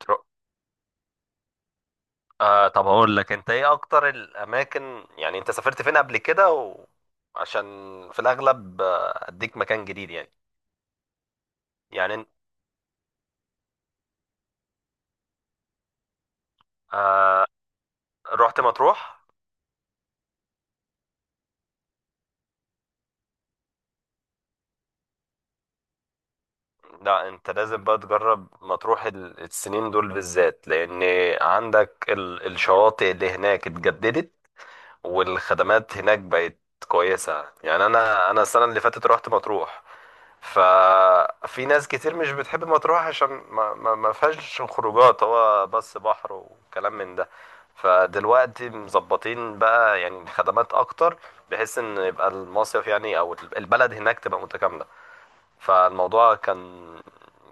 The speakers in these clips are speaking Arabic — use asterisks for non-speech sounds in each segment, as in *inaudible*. ترو... طب هقول لك انت ايه اكتر الاماكن، يعني انت سافرت فين قبل كده عشان في الاغلب، اديك مكان جديد يعني آه رحت مطروح. لا انت لازم بقى تجرب مطروح، السنين دول بالذات، لان عندك الشواطئ اللي هناك اتجددت، والخدمات هناك بقت كويسة. يعني انا السنة اللي فاتت رحت مطروح. ففي ناس كتير مش بتحب مطروح عشان ما فيهاش خروجات، هو بس بحر وكلام من ده. فدلوقتي مظبطين بقى يعني خدمات اكتر، بحيث ان يبقى المصيف يعني او البلد هناك تبقى متكاملة. فالموضوع كان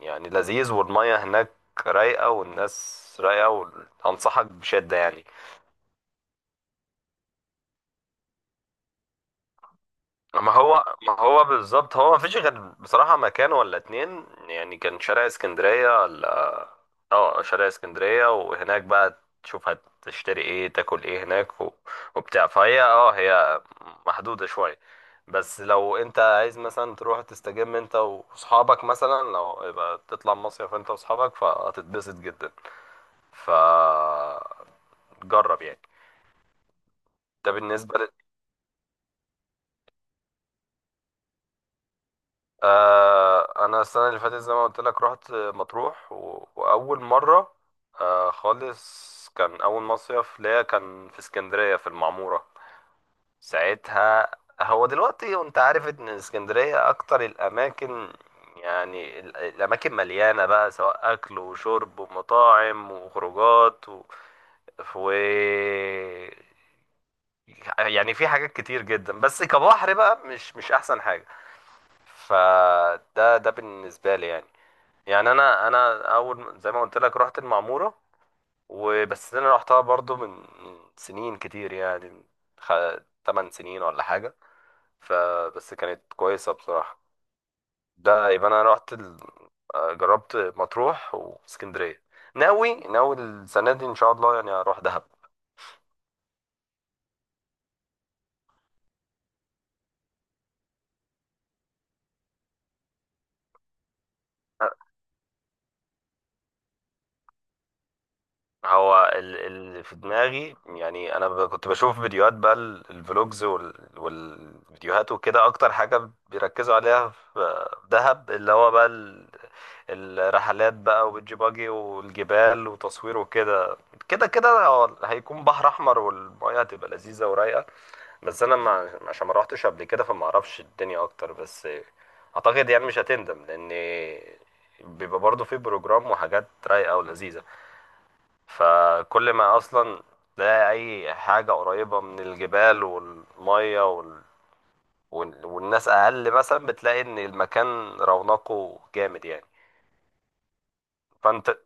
يعني لذيذ، والمية هناك رايقة والناس رايقة، وانصحك بشدة يعني. ما هو بالظبط، هو ما فيش غير بصراحة مكان ولا اتنين، يعني كان شارع اسكندرية ولا اه شارع اسكندرية. وهناك بقى تشوف هتشتري ايه تاكل ايه هناك وبتاع. فهي اه هي محدودة شوية. بس لو انت عايز مثلا تروح تستجم انت واصحابك، مثلا لو يبقى تطلع مصيف انت واصحابك فهتتبسط جدا. فجرب يعني. ده بالنسبة. انا السنه اللي فاتت زي ما قلت لك رحت مطروح واول مره خالص. كان اول مصيف ليا كان في اسكندريه في المعموره ساعتها. هو دلوقتي وانت عارف ان اسكندريه اكتر الاماكن، يعني الاماكن مليانه بقى سواء اكل وشرب ومطاعم وخروجات و... يعني في حاجات كتير جدا، بس كبحر بقى مش احسن حاجه. فده بالنسبه لي يعني. يعني انا اول زي ما قلت لك رحت المعموره، وبس انا رحتها برضو من سنين كتير يعني، خ... 8 سنين ولا حاجه. فبس كانت كويسه بصراحه. ده يبقى انا رحت ال... آه، جربت مطروح واسكندريه. ناوي السنه دي ان شاء الله يعني اروح دهب. هو اللي في دماغي، يعني انا كنت بشوف فيديوهات بقى، الفلوجز والفيديوهات وكده. اكتر حاجة بيركزوا عليها في في دهب اللي هو بقى الرحلات بقى وبيتش باجي والجبال وتصوير وكده. كده كده هو هيكون بحر احمر والمياه هتبقى لذيذة ورايقة. بس انا، ما عشان ما روحتش قبل كده فما اعرفش الدنيا اكتر، بس اعتقد يعني مش هتندم، لان بيبقى برضه في بروجرام وحاجات رايقة ولذيذة. فكل ما اصلا تلاقي اي حاجه قريبه من الجبال والميه والناس اقل، مثلا بتلاقي ان المكان رونقه جامد يعني. فانت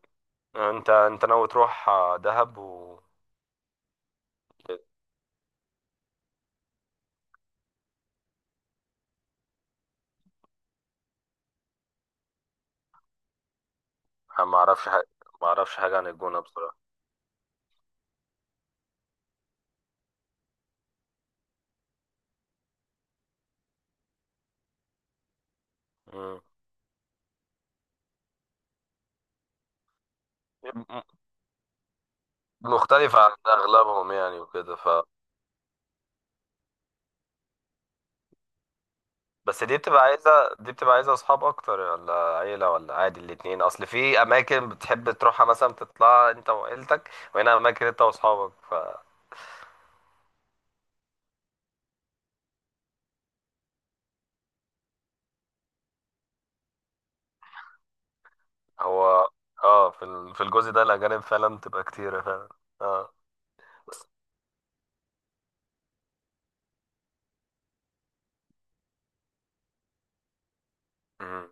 انت انت ناوي تروح دهب و... أنا ما اعرفش حاجه، ما اعرفش حاجه عن الجونه بصراحه. مم. م- مختلفه عن اغلبهم يعني وكده. بس دي بتبقى عايزة أصحاب أكتر ولا عيلة ولا عادي الاتنين؟ أصل في أماكن بتحب تروحها مثلا تطلع أنت وعيلتك، وهنا أماكن أنت وأصحابك. فهو اه في في الجزء ده الأجانب فعلا بتبقى كتيرة فعلا. اه. بس مم.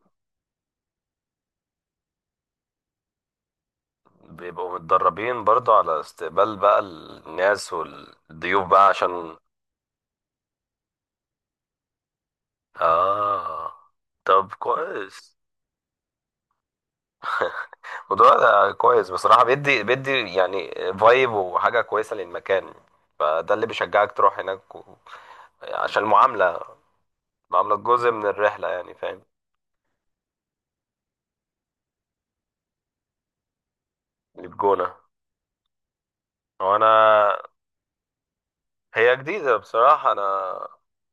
بيبقوا متدربين برضو على استقبال بقى الناس والضيوف بقى عشان... اه طب كويس. خضار ده كويس بصراحة. بيدي بيدي يعني فايب وحاجة كويسة للمكان. فده اللي بيشجعك تروح هناك و... عشان المعاملة، معاملة جزء من الرحلة يعني، فاهم؟ اللي في جونة. وأنا، هي جديدة بصراحة. أنا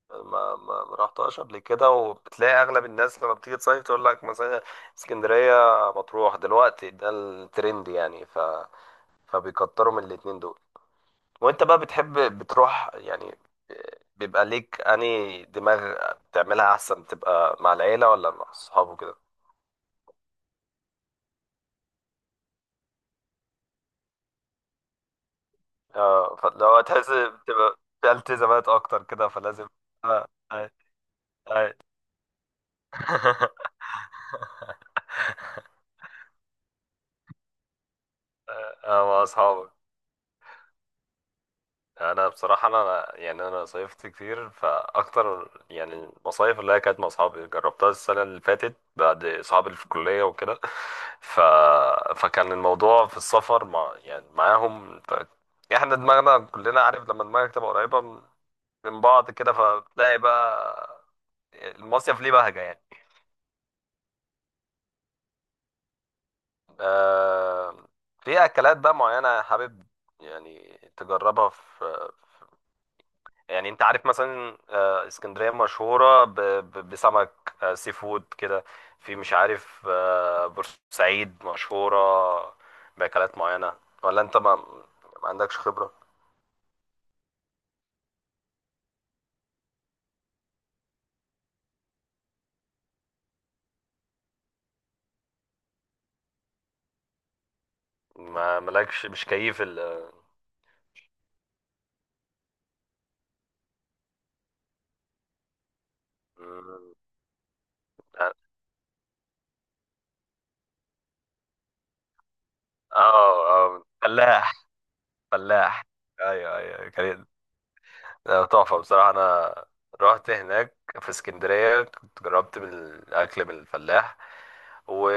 ما ما رحتهاش قبل كده، وبتلاقي أغلب الناس لما بتيجي تصيف تقول لك مثلا اسكندرية، مطروح دلوقتي ده الترند يعني. ف... فبيكتروا من الاتنين دول. وانت بقى بتحب بتروح يعني بيبقى ليك اني دماغ بتعملها، احسن تبقى مع العيله ولا مع الصحاب وكده؟ اه فلو تحس بتبقى في التزامات اكتر كده فلازم *laughs* اه. اه اه *laughs* اه مع اصحابك. انا بصراحه، انا يعني انا صيفت كتير، فاكتر يعني المصايف اللي هي كانت مع اصحابي جربتها السنه اللي فاتت، بعد اصحابي اللي في الكليه وكده. ف... فكان الموضوع في السفر مع يعني معاهم. ف... احنا دماغنا كلنا عارف لما دماغك تبقى قريبه من بعض كده فتلاقي بقى المصيف ليه بهجه يعني. آه... في اكلات بقى معينه حابب يعني تجربها في... يعني انت عارف مثلا اسكندرية مشهورة بسمك، سي فود كده. في مش عارف، بورسعيد مشهورة بأكلات معينة، ولا انت ما عندكش خبرة؟ ما مالكش مش كيف ال... مم. اه. اه فلاح. فلاح، ايوه ايوه كان. تحفة بصراحة. انا رحت هناك في اسكندرية، كنت جربت من الأكل من الفلاح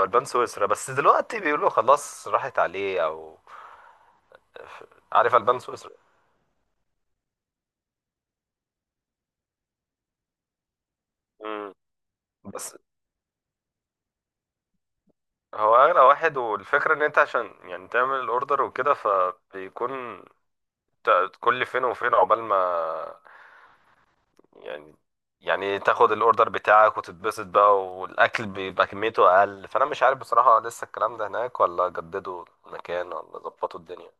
والبان سويسرا، بس دلوقتي بيقولوا خلاص راحت عليه، او عارف البان سويسرا. امم. بس هو اغلى واحد، والفكره ان انت عشان يعني تعمل الاوردر وكده فبيكون كل فين وفين عقبال ما يعني تاخد الاوردر بتاعك وتتبسط بقى، والاكل بيبقى كميته اقل. فانا مش عارف بصراحه لسه الكلام ده هناك ولا جددوا المكان ولا ظبطوا الدنيا.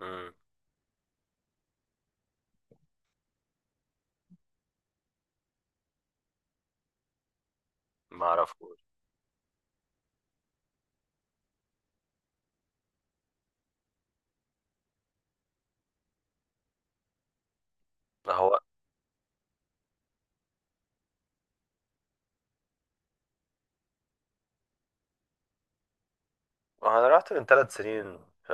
امم. ما اعرفوش. هو انا رحت من 3 سنين، ف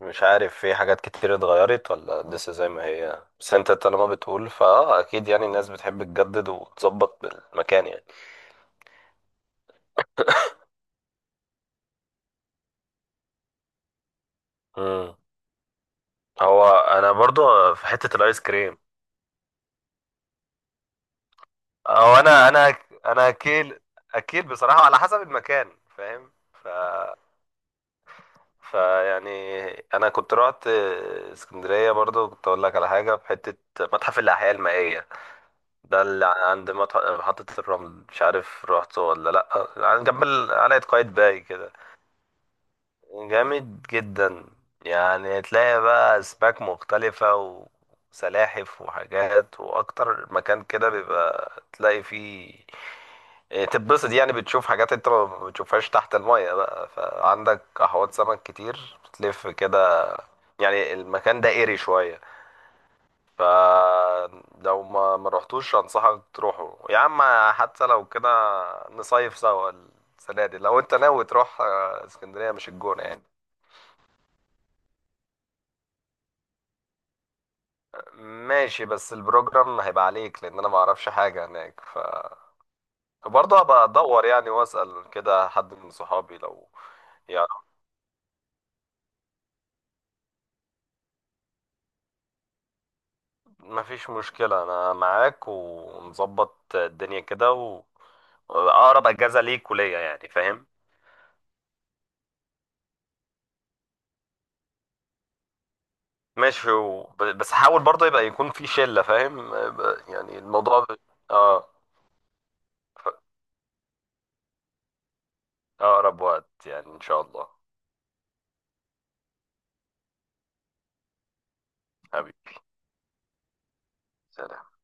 مش عارف في حاجات كتير اتغيرت ولا لسه زي ما هي، بس انت طالما بتقول فاه اكيد يعني الناس بتحب تجدد وتظبط بالمكان يعني. امم. هو انا برضو في حتة الايس كريم. او انا اكيل بصراحة على حسب المكان فاهم؟ ف فيعني انا كنت رحت اسكندرية برضو، كنت اقول لك على حاجة في حتة متحف الاحياء المائية. ده اللي عند محطة الرمل، مش عارف رحته ولا لا، جنب قلعة قايتباي كده. جامد جدا. يعني تلاقي بقى أسماك مختلفة وسلاحف وحاجات، وأكتر مكان كده بيبقى تلاقي فيه، إيه، تتبسط يعني. بتشوف حاجات انت ما بتشوفهاش تحت المية بقى، فعندك احواض سمك كتير بتلف كده. يعني المكان ده ايري شوية. فلو ما رحتوش انصحك تروحوا يا عم. حتى لو كده نصيف سوا السنة دي، لو انت ناوي تروح اسكندرية مش الجونة يعني. ماشي، بس البروجرام هيبقى عليك، لان انا ما اعرفش حاجه هناك، ف برضه هبقى ادور يعني واسال كده حد من صحابي لو. يعني ما فيش مشكله، انا معاك ونظبط الدنيا كده و... اقرب اجازه ليك وليا يعني فاهم. ماشي و... بس حاول برضه يبقى يكون في شله، فاهم؟ يعني الموضوع اه. ف- اقرب وقت يعني ان شاء الله. حبيبي، سلام.